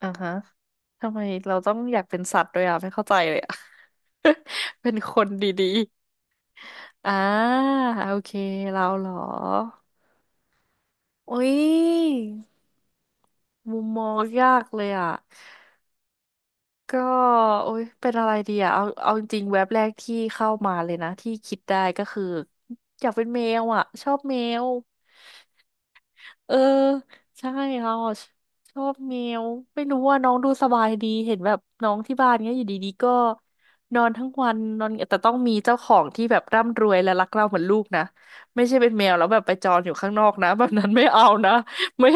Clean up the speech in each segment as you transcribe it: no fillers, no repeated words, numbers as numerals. อ่าฮะทำไมเราต้องอยากเป็นสัตว์ด้วยอ่ะไม่เข้าใจเลยอ่ะ เป็นคนดีๆอ่าโอเคเราเหรออุ้ยมุมมองยากเลยอ่ะก็โอ้ยเป็นอะไรดีอ่ะเอาจริงๆแว็บแรกที่เข้ามาเลยนะที่คิดได้ก็คืออยากเป็นแมวอ่ะชอบแมว เออใช่เราอะชชอบแมวไม่รู้ว่าน้องดูสบายดีเห็นแบบน้องที่บ้านเนี้ยอยู่ดีๆก็นอนทั้งวันนอนแต่ต้องมีเจ้าของที่แบบร่ำรวยและรักเราเหมือนลูกนะไม่ใช่เป็นแมวแล้วแบบไปจรอยู่ข้างนอกนะ แบบนั้นไม่เอานะ ไม่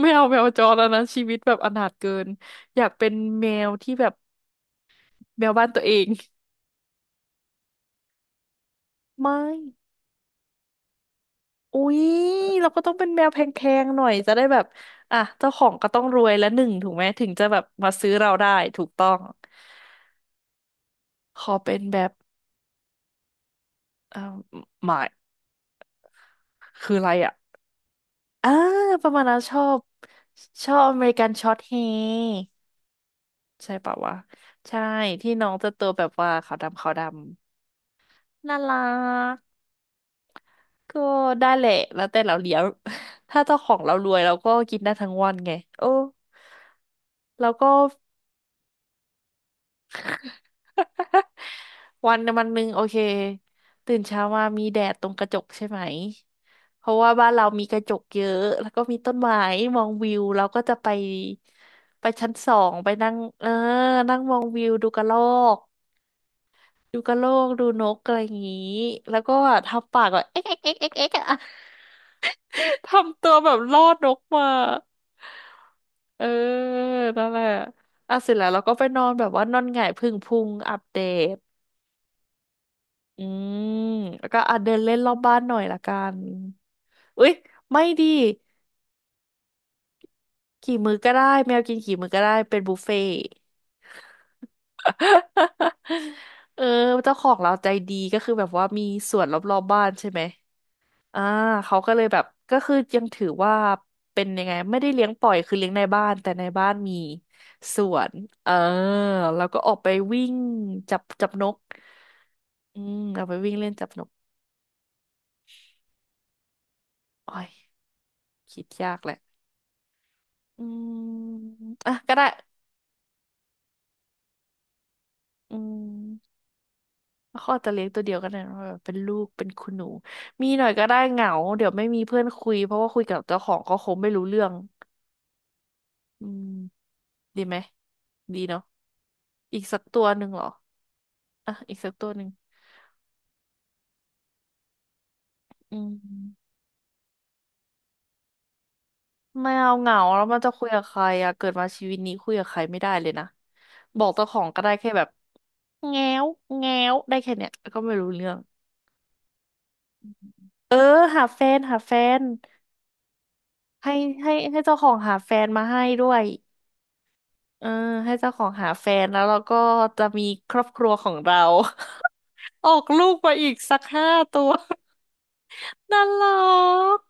ไม่เอาแมวจรแล้วนะชีวิตแบบอนาถเกินอยากเป็นแมวที่แบบแมวบ้านตัวเอง ไม่ อุ๊ยเราก็ต้องเป็นแมวแพงๆหน่อยจะได้แบบอ่ะเจ้าของก็ต้องรวยและหนึ่งถูกไหมถึงจะแบบมาซื้อเราได้ถูกต้องขอเป็นแบบเอ่อหมายคืออะไรอ่ะอ่าประมาณนั้นชอบชอบอเมริกันช็อตเฮร์ใช่ปะวะใช่ที่น้องจะตัวแบบว่าขาวดำขาวดำน่ารักก็ได้แหละแล้วแต่เราเลี้ยง ถ้าเจ้าของเรารวยเราก็กินได้ทั้งวันไงโอ้แล้วก็ วันวันหนึ่งโอเคตื่นเช้ามามีแดดตรงกระจกใช่ไหมเพราะว่าบ้านเรามีกระจกเยอะแล้วก็มีต้นไม้มองวิวเราก็จะไปไปชั้นสองไปนั่งเออนั่งมองวิวดูกระรอกดูกระโลกดูนกอะไรอย่างงี้แล้วก็ทำปากแบบเอ๊กเอ๊กเอ๊กเอ๊กเอ๊กอะ ทำตัวแบบล่อนกมาเออนั่นแหละอ่ะเสร็จแล้วเราก็ไปนอนแบบว่านอนหงายผึ่งพุงอัปเดต อืมแล้วก็อ่ะเดินเล่นรอบบ้านหน่อยละกันอุ๊ยไม่ดีกี่มื้อก็ได้แมวกินกี่มื้อก็ได้เป็นบุฟเฟ่ต์ เออเจ้าของเราใจดีก็คือแบบว่ามีสวนรอบๆบ้านใช่ไหมอ่าเขาก็เลยแบบก็คือยังถือว่าเป็นยังไงไม่ได้เลี้ยงปล่อยคือเลี้ยงในบ้านแต่ในบ้านมีสวนเออแล้วก็ออกไปวิ่งจับนกอืมเอาไปวิ่งเล่นจับนกโอ้ยคิดยากแหละ อืมอ่ะก็ได้อืมเขาอาจจะเลี้ยงตัวเดียวกันนะแบบเป็นลูกเป็นคุณหนูมีหน่อยก็ได้เหงาเดี๋ยวไม่มีเพื่อนคุยเพราะว่าคุยกับเจ้าของก็คงไม่รู้เรื่องอืมดีไหมดีเนาะอีกสักตัวหนึ่งเหรออ่ะอีกสักตัวหนึ่งอืมไม่เอาเหงาแล้วมันจะคุยกับใครอะเกิดมาชีวิตนี้คุยกับใครไม่ได้เลยนะบอกเจ้าของก็ได้แค่แบบแง้วแง้วได้แค่เนี้ยแล้วก็ไม่รู้เรื่องเออหาแฟนหาแฟน ให้ให้เจ้าของหาแฟนมาให้ด้วยเออให้เจ้าของหาแฟนแล้วเราก็จะมีครอบครัวของเรา ออกลูกมาอีกสักห้าตัว น่ารัก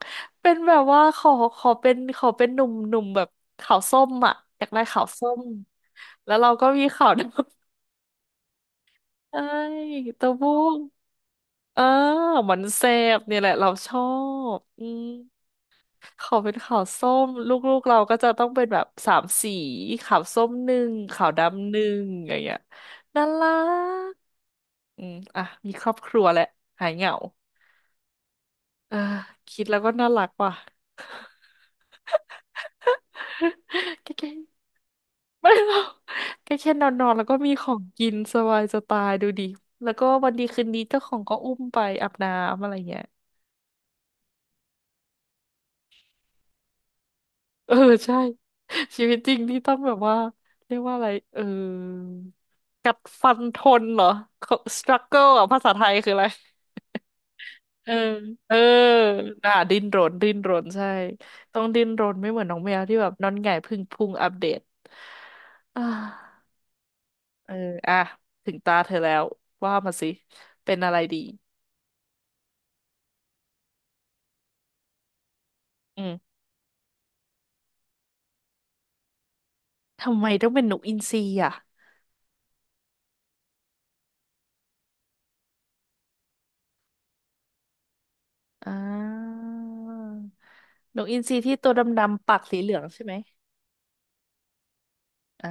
เป็นแบบว่าขอเป็นหนุ่มหนุ่มแบบขาวส้มอ่ะอยากได้ขาวส้มแล้วเราก็มีขาวดำ ใช่ตัวบุ้งเออมันแซ่บเนี่ยแหละเราชอบอืม เขาเป็นขาวส้มลูกๆเราก็จะต้องเป็นแบบสามสีขาวส้มหนึ่งขาวดำหนึ่งอะไรอย่างเงี้ยน่ารักอืมอ่ะมีครอบครัวแล้วหายเหงาเออคิดแล้วก็น่ารักว่ะ แค่ไม่หรอกแค่นอนนอนแล้วก็มีของกินสบายจะตายดูดิแล้วก็วันดีคืนดีเจ้าของก็อุ้มไปอาบน้ำอะไรเงี้ย เออใช่ชีวิตจริงนี่ต้องแบบว่าเรียกว่าอะไรเออกัดฟันทนเหรอ struggle อ่ะภาษาไทยคืออะไรเออเอออ่ะดิ้นรนดิ้นรนใช่ต้องดิ้นรนไม่เหมือนน้องแมวที่แบบนอนหงายพึ่งพุงอัปเดตอ่าเอออ่ะถึงตาเธอแล้วว่ามาสิเป็นอะไรดีอืมทำไมต้องเป็นนกอินทรีอ่ะอ่านกอินทรีที่ตัวดำๆปากสีเหลืองใช่ไหม อ่า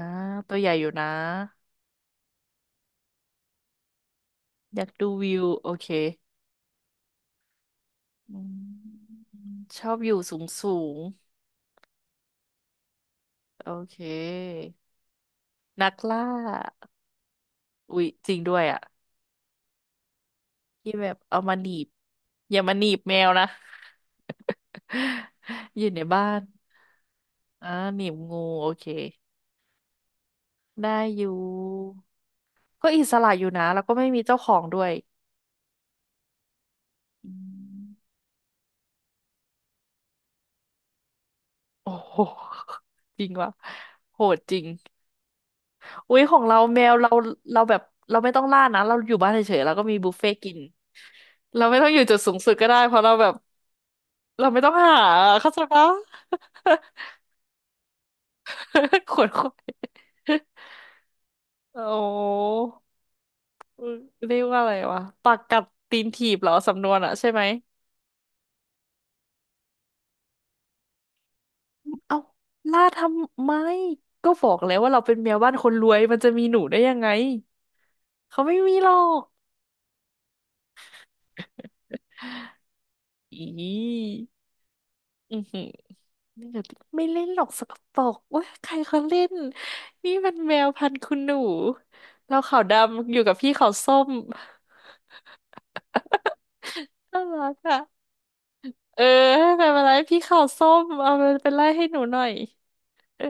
ตัวใหญ่อยู่นะอยากดูวิวโอเคอืมชอบอยู่สูงสูงโอเคนักล่าอุ๊ยจริงด้วยอ่ะที่แบบเอามาหนีบอย่ามาหนีบแมวนะ อยู่ในบ้านอ่าหนีบงูโอเคได้อยู่ก็อิสระอยู่นะแล้วก็ไม่มีเจ้าของด้วยอืมโอ้โห จริงว่ะโหดจริง อุ๊ยของเราแมวเราเราแบบเราไม่ต้องล่านะเราอยู่บ้านเฉยๆเราก็มีบุฟเฟ่ต์กินเราไม่ต้องอยู่จุดสูงสุดก็ได้เพราะเราแบบเราไม่ต้องหาเข้าใจปะ ขวนขวาย โอ้เรียกว่าอะไรวะปากกัดตีนถีบเหรอสำนวนอะใช่ไหมเอ้าล่าทำไมก็บอกแล้วว่าเราเป็นแมวบ้านคนรวยมันจะมีหนูได้ยังไงเขาไม่มีหรอกอีอือหือ ไม่เล่นไม่เล่นหรอกสกปรกเว้ยใครเขาเล่นนี่มันแมวพันธุ์คุณหนูเราขาวดำอยู่กับพี่ขาวส้ม น่ารักอ่ะเออไม่เป็นไรพี่ขาวส้มเอาไปเป็นไล่ให้หนูหน่อย เออ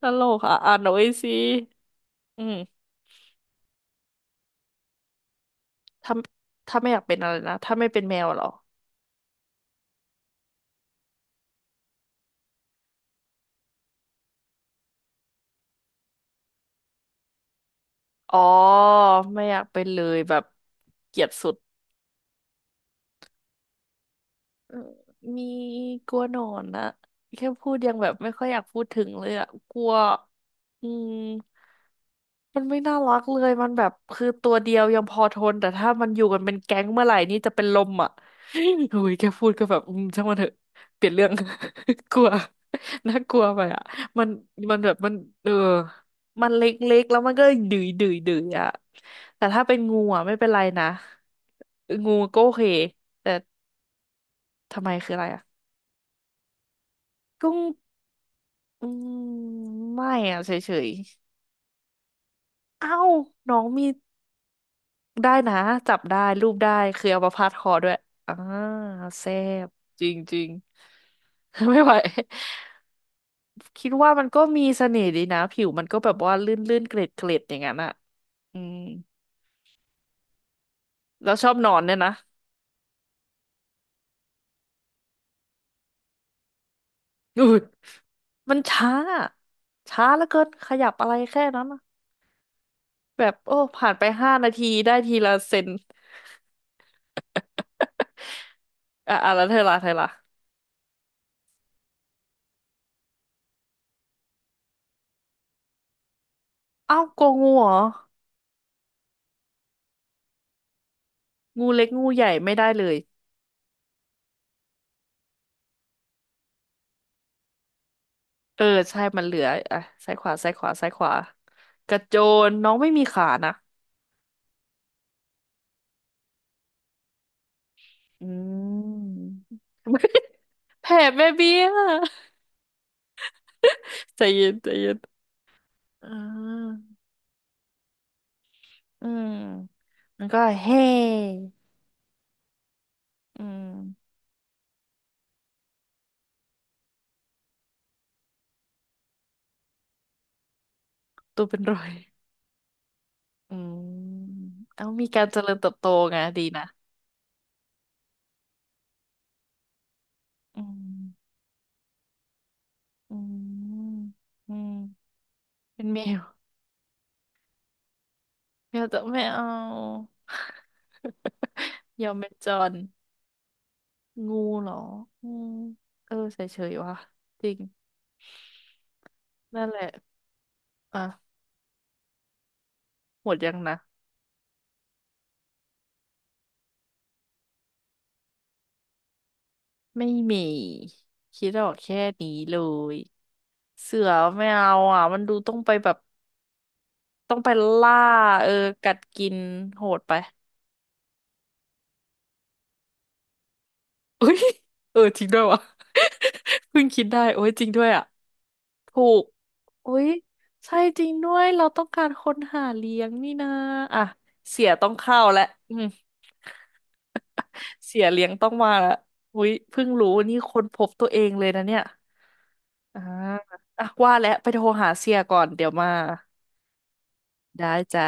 ตลกอ่ะอ่านหน่อยสิอืมถ้าถ้าไม่อยากเป็นอะไรนะถ้าไม่เป็นแมวเหรออ๋อไม่อยากเป็นเลยแบบเกลียดสุด เออมีกลัวหนอนนะแค่พูดยังแบบไม่ค่อยอยากพูดถึงเลยอะกลัวอืมมันไม่น่ารักเลยมันแบบคือตัวเดียวยังพอทนแต่ถ้ามันอยู่กันเป็นแก๊งเมื่อไหร่นี่จะเป็นลมอ่ะ โอ้ยแค่พูดก็แบบอืมช่างมันเถอะเปลี่ยนเรื่อง กลัว น่ากลัวไปอ่ะมันมันแบบมันเออมันเล็กๆแล้วมันก็ดือยดือยดือยอ่ะแต่ถ้าเป็นงูอ่ะไม่เป็นไรนะงูก็โอเคแต่ทำไมคืออะไรอ่ะกุ้ง อืมไม่อะเฉยๆเอ้าน้องมีได้นะจับได้รูปได้คือเอามาพาดคอด้วยอ่าแซ่บจริงๆ ไม่ไหว คิดว่ามันก็มีเสน่ห์ดีนะผิวมันก็แบบว่าลื่นๆเกล็ดๆอย่างนั้นอ่ะอืมแล้วชอบนอนเนี่ยนะอุ้ยมันช้าช้าเหลือเกินขยับอะไรแค่นั้นน่ะแบบโอ้ผ่านไป5 นาทีได้ทีละเซนอ่ะอ่ะแล้วเธอละเธอละเอ้าโกงูเหรอ งูเล็กงูใหญ่ไม่ได้เลยเออใช่มันเหลืออ่ะซ้ายขวาซ้ายขวาซ้ายขวากระโจนน้องไม่มีขานะอืม แผลแม่เบี้ยใจเย็นใจเย็นอ่าอืมมันก็เฮ่อืมตัวเป็นรอยอืมเอามีการเจริญเติบโตไงดีนะอืมอืมอืมเป็นแมวแมวจะไม่เอา ยอมเป็นจร งูเหรออืมเออเฉยๆว่ะ จริง นั่นแหละ อ่ะ หมดยังนะ ไม่มีคิดออกแค่นี้เลย เสือไม่เอาอ่ะ มันดูต้องไปแบบ ต้องไปล่า เออ กัดกินโหดไป เอ้ยเออจริงด้วยว่ะ เพิ่งคิดได้โอ้ยจริงด้วยอ่ะ ถูกอุ๊ยใช่จริงด้วย เราต้องการคนหาเลี้ยงนี่นะอ่ะเสียต้องเข้าแล้วอืม เสียเลี้ยงต้องมาละอุ๊ยเพิ่งรู้นี่ค้นพบตัวเองเลยนะเนี่ยอ่าอ่ะว่าแล้วไปโทรหาเสียก่อนเดี๋ยวมาได้จ้า